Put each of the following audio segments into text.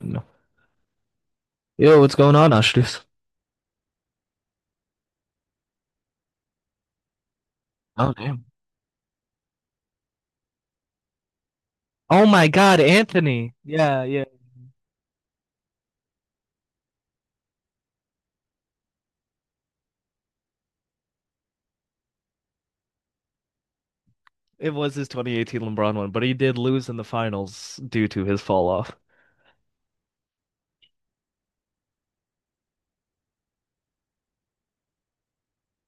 No. Yo, what's going on, Ashraf? Oh, damn. Oh my God, Anthony. Yeah, yeah. It was his 2018 LeBron one, but he did lose in the finals due to his fall off.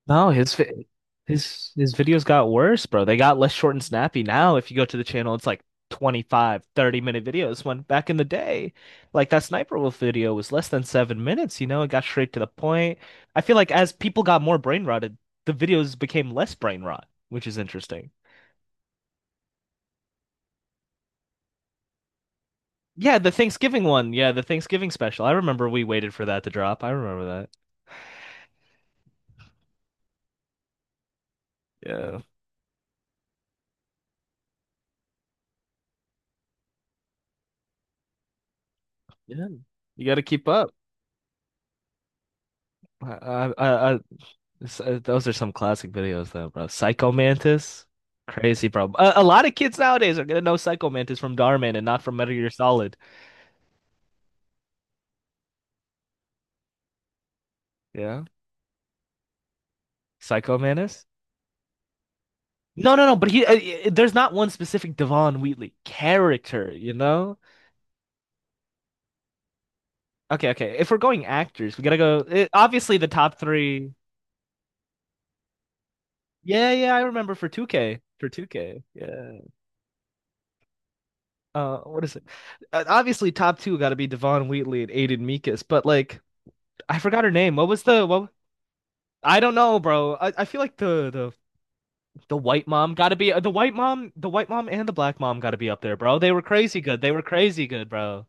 No, his videos got worse, bro. They got less short and snappy now. If you go to the channel, it's like 25, 30-minute videos. When back in the day, like that Sniper Wolf video was less than seven minutes, it got straight to the point. I feel like as people got more brain rotted, the videos became less brain rot, which is interesting. Yeah, the Thanksgiving one. Yeah, the Thanksgiving special. I remember we waited for that to drop. I remember that. Yeah. Yeah. You got to keep up. I, I, I, I- those are some classic videos though, bro. Psycho Mantis. Crazy, bro. A lot of kids nowadays are gonna know Psycho Mantis from Darman and not from Metal Gear Solid. Yeah. Psycho Mantis? No, no, no, but there's not one specific Devon Wheatley character, you know? Okay, okay. If we're going actors, we gotta go. Obviously, the top three. Yeah, yeah, I remember for 2K. For 2K. Yeah. What is it? Obviously, top two got to be Devon Wheatley and Aiden Meekis, but like I forgot her name. What was the what. I don't know, bro. I feel like the the white mom got to be the white mom and the black mom got to be up there, bro. They were crazy good. They were crazy good, bro.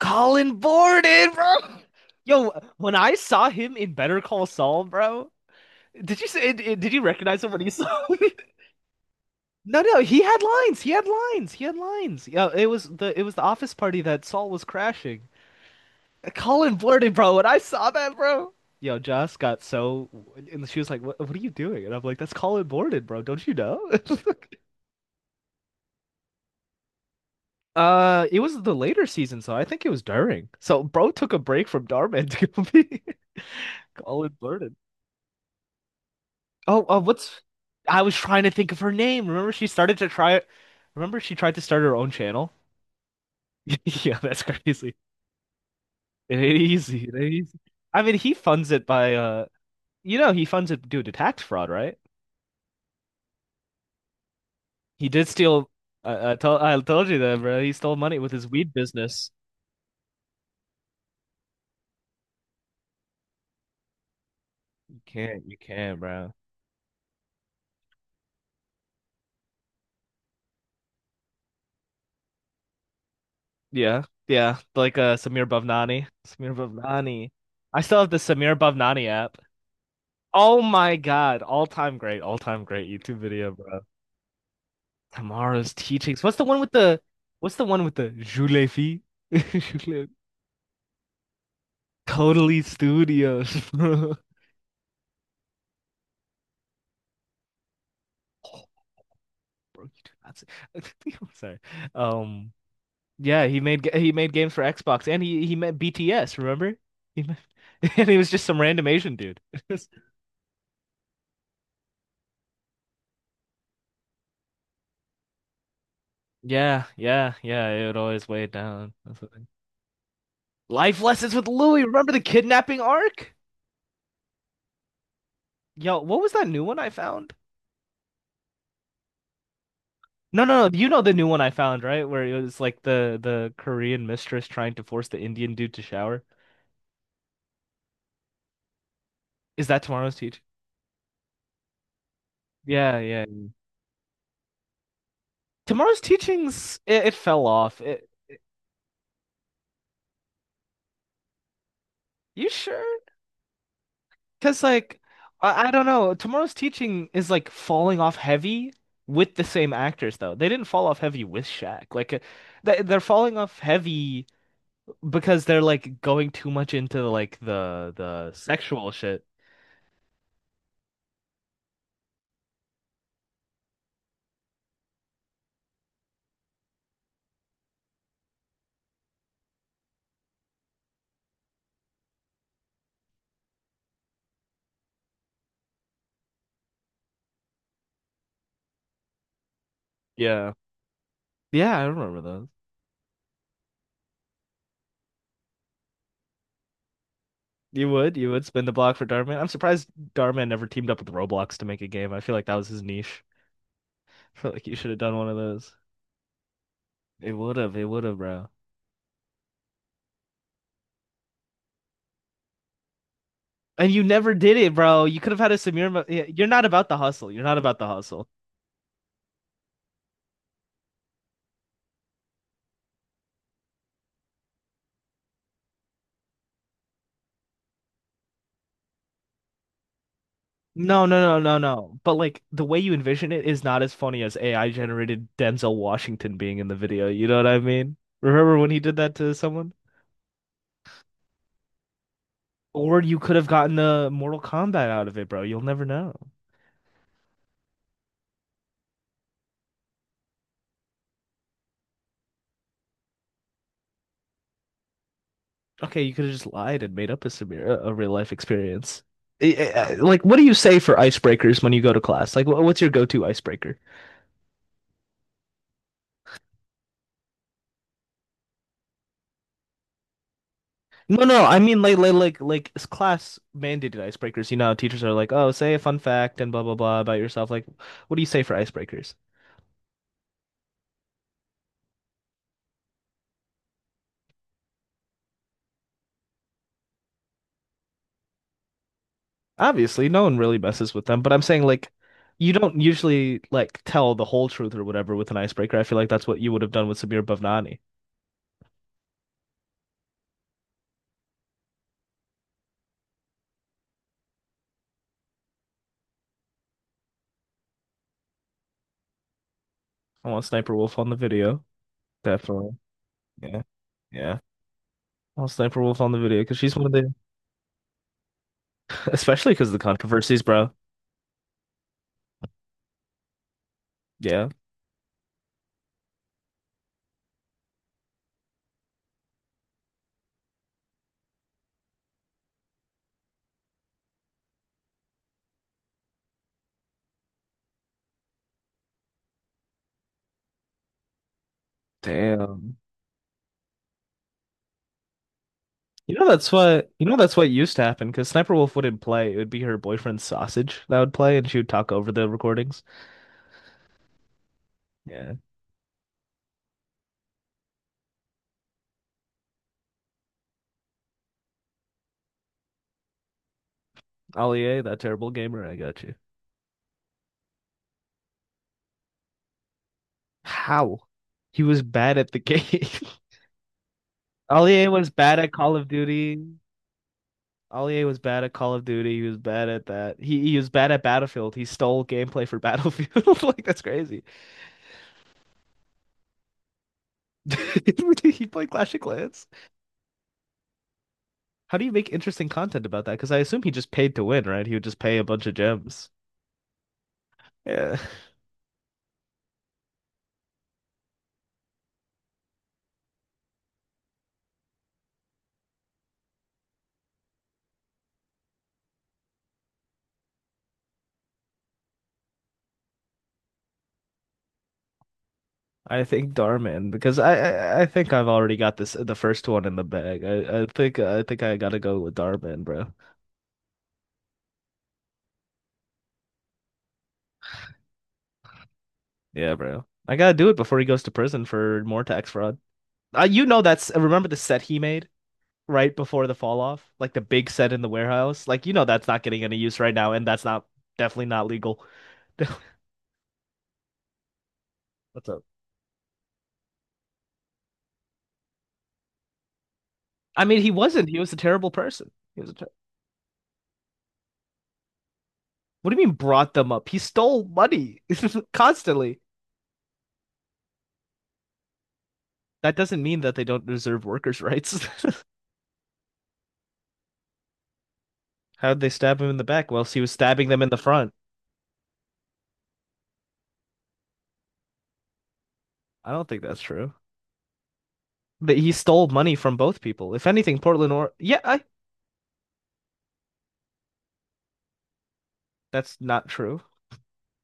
Colin Borden, bro. Yo, when I saw him in Better Call Saul, bro, did you say did you recognize him when you saw him? No, no, he had lines. He had lines. He had lines. Yeah, it was the office party that Saul was crashing. Colin blurted, bro, when I saw that, bro. Yo, Joss got so, and she was like, "What? What are you doing?" And I'm like, "That's Colin Blurted, bro. Don't you know?" It was the later season, so I think it was during. So, bro took a break from Darman to go be Colin Blurted. Oh, what's? I was trying to think of her name. Remember, she started to try. Remember, she tried to start her own channel. Yeah, that's crazy. It ain't easy. It ain't easy. I mean, he funds it by he funds it due to tax fraud, right? He did steal. I told you that, bro. He stole money with his weed business. You can't, bro. Yeah, yeah, like Samir Bhavnani. Samir Bhavnani. I still have the Samir Bhavnani app. Oh my God, all time great YouTube video, bro. Tomorrow's teachings. What's the one with the? What's the one with the Julefi? Totally Studios, bro. Bro, you do not say. I'm sorry. Um, yeah, he made games for Xbox, and he met BTS. Remember? He met, and he was just some random Asian dude. Yeah, yeah, yeah. It would always weigh it down. That's the thing. Life lessons with Louis. Remember the kidnapping arc? Yo, what was that new one I found? No, no, no. You know the new one I found, right? Where it was like the Korean mistress trying to force the Indian dude to shower. Is that tomorrow's teach? Yeah, yeah. Tomorrow's teachings, it fell off. It, you sure? Because, like, I don't know. Tomorrow's Teaching is like falling off heavy with the same actors, though. They didn't fall off heavy with Shaq. Like, they, they're falling off heavy because they're like going too much into like the sexual shit. Yeah. Yeah, I remember those. You would spin the block for Darman. I'm surprised Darman never teamed up with Roblox to make a game. I feel like that was his niche. I feel like you should have done one of those. It would have, bro. And you never did it, bro. You could have had a Samir. Yeah, you're not about the hustle. You're not about the hustle. No, no, no, no, no. But like the way you envision it is not as funny as AI generated Denzel Washington being in the video. You know what I mean? Remember when he did that to someone? Or you could have gotten a Mortal Kombat out of it, bro. You'll never know. Okay, you could have just lied and made up a Samir, a real life experience. Like, what do you say for icebreakers when you go to class? Like, what's your go-to icebreaker? No, no, I mean like like it's class mandated icebreakers. You know, teachers are like, "Oh, say a fun fact and blah blah blah about yourself." Like, what do you say for icebreakers? Obviously, no one really messes with them, but I'm saying like you don't usually like tell the whole truth or whatever with an icebreaker. I feel like that's what you would have done with Samir Bhavnani. I want Sniper Wolf on the video. Definitely. Yeah, yeah. I'll sniper wolf on the video because she's one of the, especially because of the controversies, bro. Yeah. Damn. You know that's what you know that's what used to happen because Sniper Wolf wouldn't play. It would be her boyfriend Sausage that would play, and she would talk over the recordings. Yeah, Ollie, that terrible gamer, I got you. How? He was bad at the game. Ollie was bad at Call of Duty. Ollie was bad at Call of Duty. He was bad at that. He was bad at Battlefield. He stole gameplay for Battlefield. Like that's crazy. He played Clash of Clans. How do you make interesting content about that? Because I assume he just paid to win, right? He would just pay a bunch of gems. Yeah, I think Darman because I I think I've already got this the first one in the bag. I think I think I gotta go with Darman, bro. Yeah, bro. I gotta do it before he goes to prison for more tax fraud. You know that's remember the set he made right before the fall off, like the big set in the warehouse. Like you know that's not getting any use right now, and that's not definitely not legal. What's up? I mean, he wasn't. He was a terrible person. He was a ter- What do you mean brought them up? He stole money constantly. That doesn't mean that they don't deserve workers' rights. How did they stab him in the back whilst he was stabbing them in the front? I don't think that's true. But he stole money from both people. If anything, Portland or yeah, I. That's not true.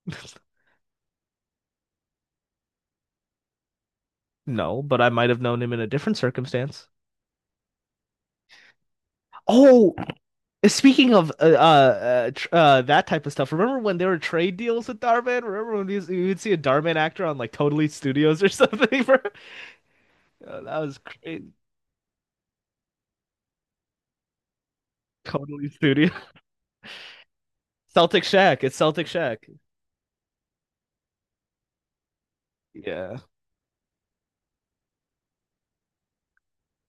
No, but I might have known him in a different circumstance. Oh, speaking of that type of stuff, remember when there were trade deals with Darman? Remember when you would see a Darman actor on like Totally Studios or something, bro? Oh, that was crazy. Totally Studio. Celtic Shack. It's Celtic Shack. Yeah.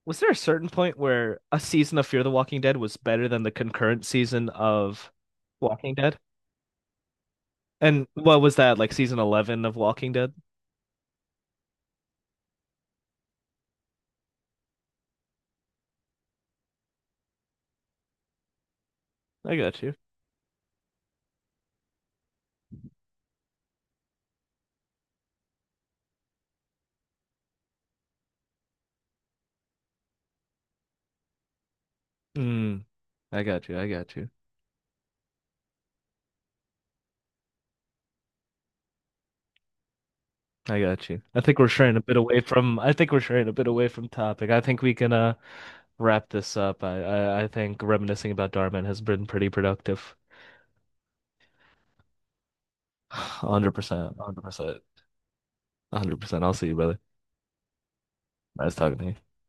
Was there a certain point where a season of Fear the Walking Dead was better than the concurrent season of Walking Dead? And what was that, like season 11 of Walking Dead? I got you. Mm, I got you. I got you. I got you. I think we're straying a bit away from I think we're straying a bit away from topic. I think we can wrap this up. I think reminiscing about Darman has been pretty productive. 100%, 100%, 100%. I'll see you, brother. Nice talking to you.